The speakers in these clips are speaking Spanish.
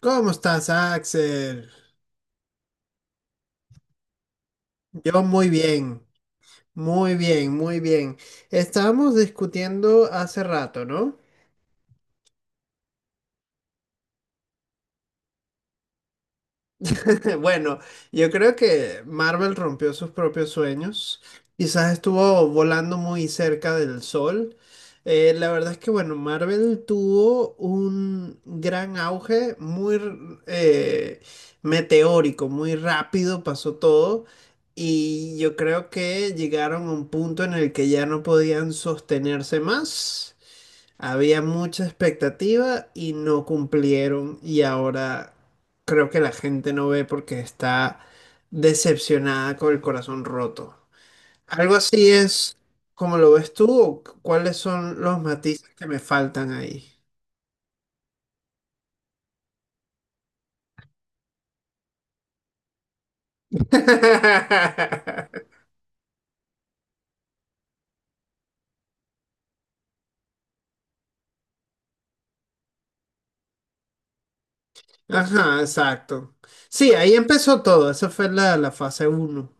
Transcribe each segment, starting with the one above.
¿Cómo estás, Axel? Yo muy bien, muy bien, muy bien. Estábamos discutiendo hace rato, ¿no? Bueno, yo creo que Marvel rompió sus propios sueños. Quizás estuvo volando muy cerca del sol. La verdad es que, bueno, Marvel tuvo un gran auge, muy eh, meteórico, muy rápido pasó todo. Y yo creo que llegaron a un punto en el que ya no podían sostenerse más. Había mucha expectativa y no cumplieron, y ahora creo que la gente no ve porque está decepcionada, con el corazón roto. ¿Algo así es como lo ves tú o cuáles son los matices que me faltan ahí? Ajá, exacto. Sí, ahí empezó todo, esa fue la fase uno.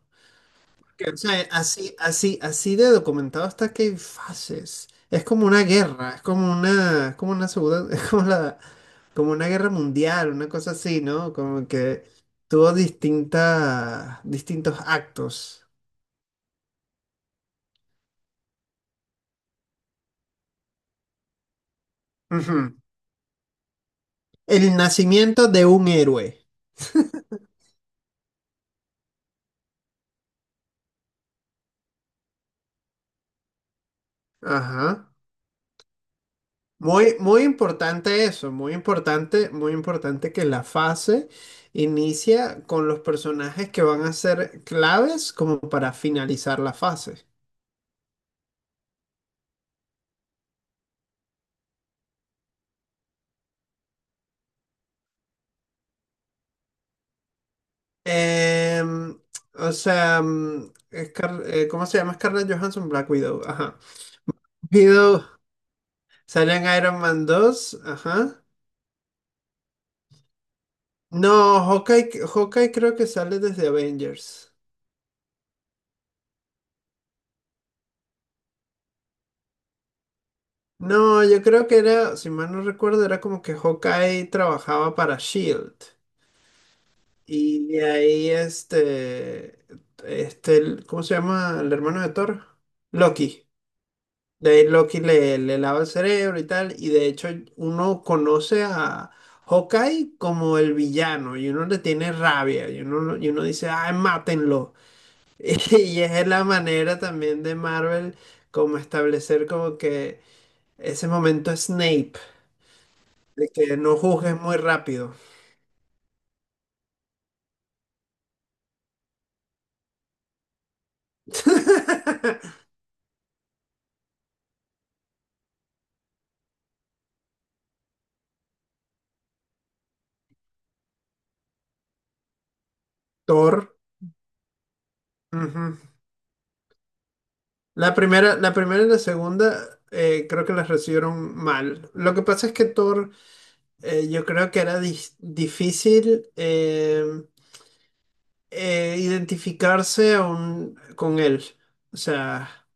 Que, o sea, así, así, así de documentado hasta que hay fases. Es como una guerra, es como una segunda, es como la, como una guerra mundial, una cosa así, ¿no? Como que tuvo distintas, distintos actos. Ujú. El nacimiento de un héroe. Ajá. Muy, muy importante eso, muy importante que la fase inicia con los personajes que van a ser claves como para finalizar la fase. Em, o sea, ¿cómo se llama? Scarlett Johansson, Black Widow, ajá. Widow sale en Iron Man dos, ajá. No, Hawkeye, Hawkeye creo que sale desde Avengers. No, yo creo que era, si mal no recuerdo, era como que Hawkeye trabajaba para Shield. Y de ahí este, este, ¿cómo se llama? El hermano de Thor. Loki. De Loki le, le lava el cerebro y tal, y de hecho uno conoce a Hawkeye como el villano, y uno le tiene rabia, y uno, y uno dice, ay, mátenlo. Y es la manera también de Marvel como establecer como que ese momento Snape, de que no juzgues muy rápido. Thor. Ujú. La primera y la segunda creo que las recibieron mal. Lo que pasa es que Thor… Yo creo que era difícil identificarse aún con él. O sea,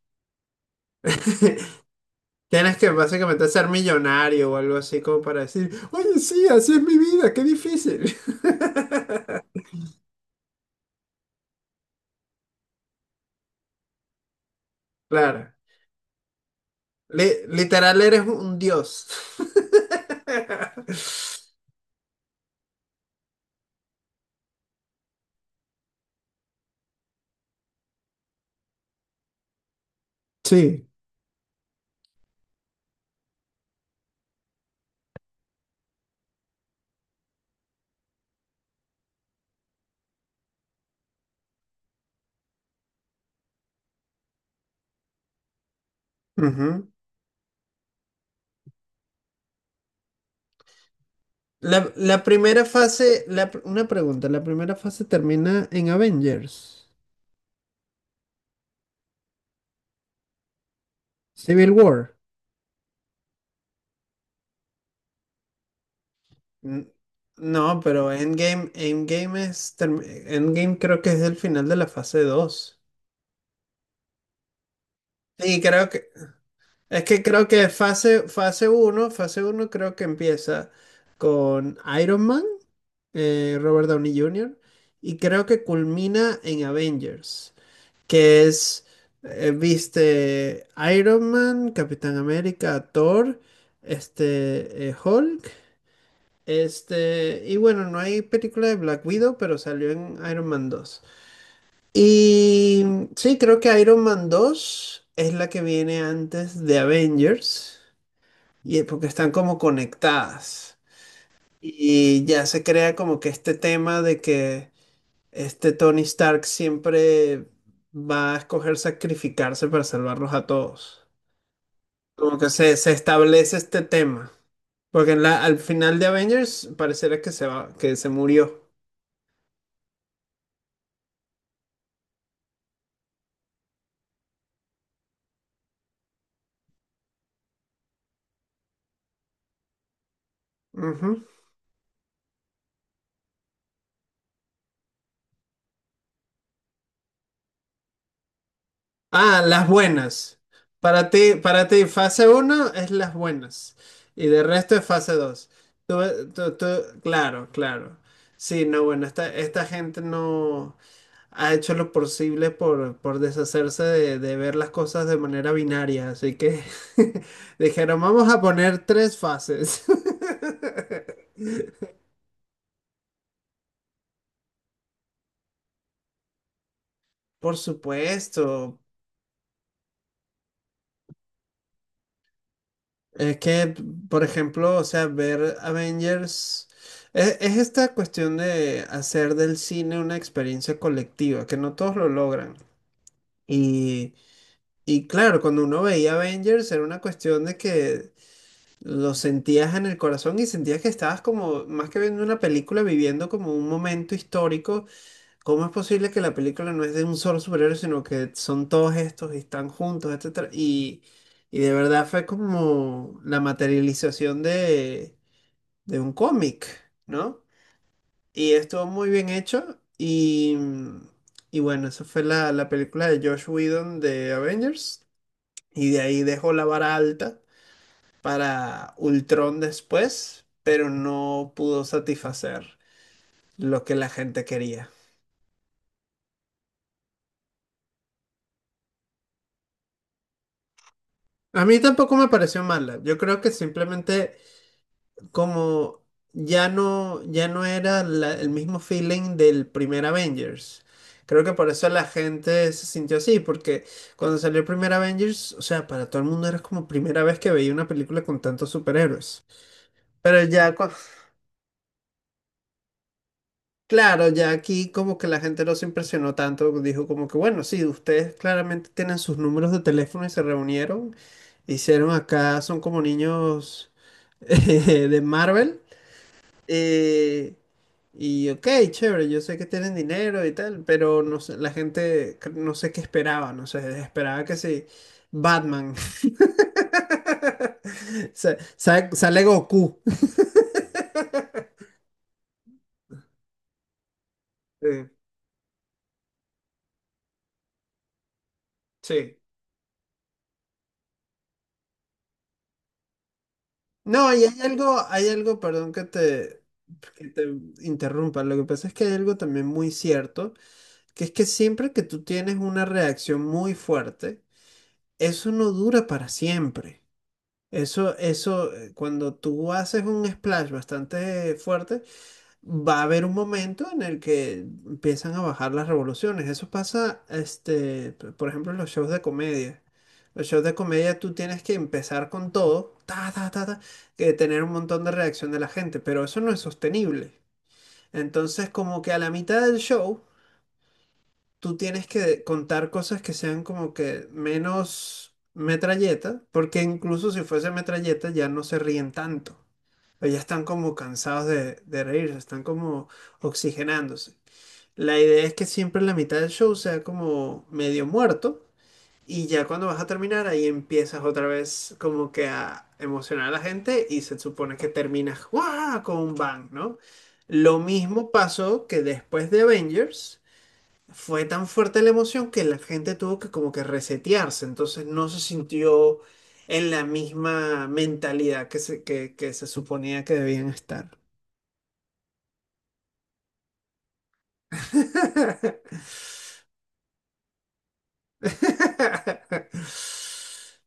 tienes que básicamente ser millonario o algo así como para decir, oye, sí, así es mi vida, qué difícil. Claro, literal eres un dios. Sí. Ujú. La primera fase, la una pregunta, la primera fase termina en Avengers, Civil War. N- No, pero Endgame, Endgame es, Endgame creo que es el final de la fase 2. Sí, creo que, es que creo que fase, fase uno creo que empieza con Iron Man, Robert Downey Jr., y creo que culmina en Avengers, que es, viste, Iron Man, Capitán América, Thor, este, Hulk. Este, y bueno, no hay película de Black Widow, pero salió en Iron Man dos. Y sí, creo que Iron Man 2 es la que viene antes de Avengers, y porque están como conectadas. Y ya se crea como que este tema de que este Tony Stark siempre va a escoger sacrificarse para salvarlos a todos. Como que se establece este tema. Porque en al final de Avengers parecerá que se va, que se murió. Ujú. Ah, las buenas. Para ti, fase uno es las buenas. Y de resto es fase 2. Claro, claro. Sí, no, bueno, esta gente no ha hecho lo posible por deshacerse de ver las cosas de manera binaria. Así que dijeron, vamos a poner tres fases. Por supuesto. Es que, por ejemplo, o sea, ver Avengers es esta cuestión de hacer del cine una experiencia colectiva, que no todos lo logran. Y, y claro, cuando uno veía Avengers era una cuestión de que lo sentías en el corazón y sentías que estabas como, más que viendo una película, viviendo como un momento histórico. ¿Cómo es posible que la película no es de un solo superhéroe, sino que son todos estos y están juntos, etcétera? Y de verdad fue como la materialización de un cómic, ¿no? Y estuvo muy bien hecho. Y bueno, esa fue la, la película de Josh Whedon de Avengers. Y de ahí dejó la vara alta para Ultron después, pero no pudo satisfacer lo que la gente quería. A mí tampoco me pareció mala. Yo creo que simplemente como ya no, ya no era el mismo feeling del primer Avengers. Creo que por eso la gente se sintió así, porque cuando salió el primer Avengers, o sea, para todo el mundo era como primera vez que veía una película con tantos superhéroes. Pero ya claro, ya aquí como que la gente no se impresionó tanto, dijo como que bueno, sí, ustedes claramente tienen sus números de teléfono y se reunieron, hicieron acá, son como niños de Marvel. eh, y ok, chévere, yo sé que tienen dinero y tal, pero no sé, la gente no sé qué esperaba, no sé, esperaba que sí, Batman, sale Goku. Sí, sí. No, y hay algo, perdón que te interrumpa. Lo que pasa es que hay algo también muy cierto, que es que siempre que tú tienes una reacción muy fuerte, eso no dura para siempre. Eso, cuando tú haces un splash bastante fuerte, va a haber un momento en el que empiezan a bajar las revoluciones. Eso pasa, este, por ejemplo, en los shows de comedia. Los shows de comedia tú tienes que empezar con todo, ta, ta, ta, ta, que tener un montón de reacción de la gente, pero eso no es sostenible. Entonces, como que a la mitad del show, tú tienes que contar cosas que sean como que menos metralleta, porque incluso si fuese metralleta ya no se ríen tanto. Pero ya están como cansados de reírse, están como oxigenándose. La idea es que siempre la mitad del show sea como medio muerto y ya cuando vas a terminar ahí empiezas otra vez como que a emocionar a la gente y se supone que terminas ¡guau! Con un bang, ¿no? Lo mismo pasó que después de Avengers fue tan fuerte la emoción que la gente tuvo que como que resetearse, entonces no se sintió en la misma mentalidad que se suponía que debían estar.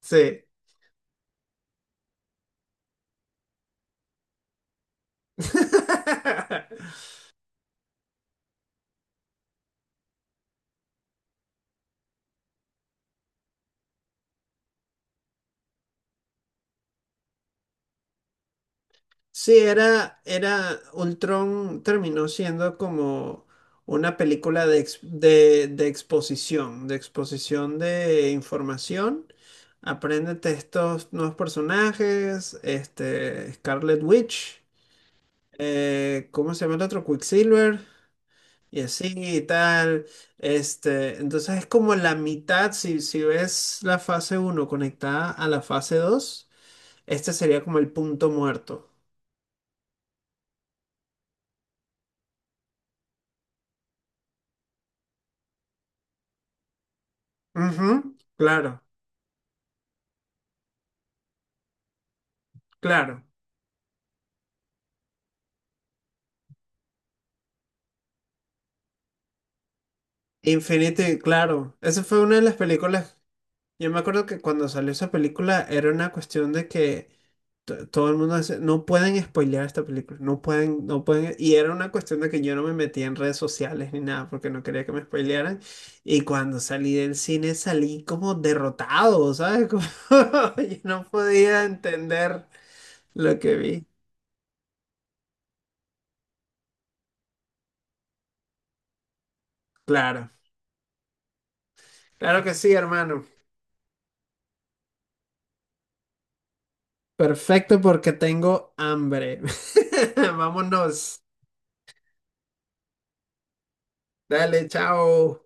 Sí. Sí, era, era, Ultron terminó siendo como una película de, de exposición, de exposición de información. Apréndete estos nuevos personajes, este, Scarlet Witch, ¿cómo se llama el otro? Quicksilver. Y así y tal. Este, entonces es como la mitad, si, si ves la fase uno conectada a la fase 2 este sería como el punto muerto. Ujú, claro, claro. Infinity, claro. Esa fue una de las películas. Yo me acuerdo que cuando salió esa película era una cuestión de que todo el mundo hace, no pueden spoilear esta película, no pueden, no pueden, y era una cuestión de que yo no me metía en redes sociales ni nada, porque no quería que me spoilearan, y cuando salí del cine salí como derrotado, ¿sabes? Como, yo no podía entender lo que vi. Claro, claro que sí, hermano. Perfecto porque tengo hambre. Vámonos. Dale, chao.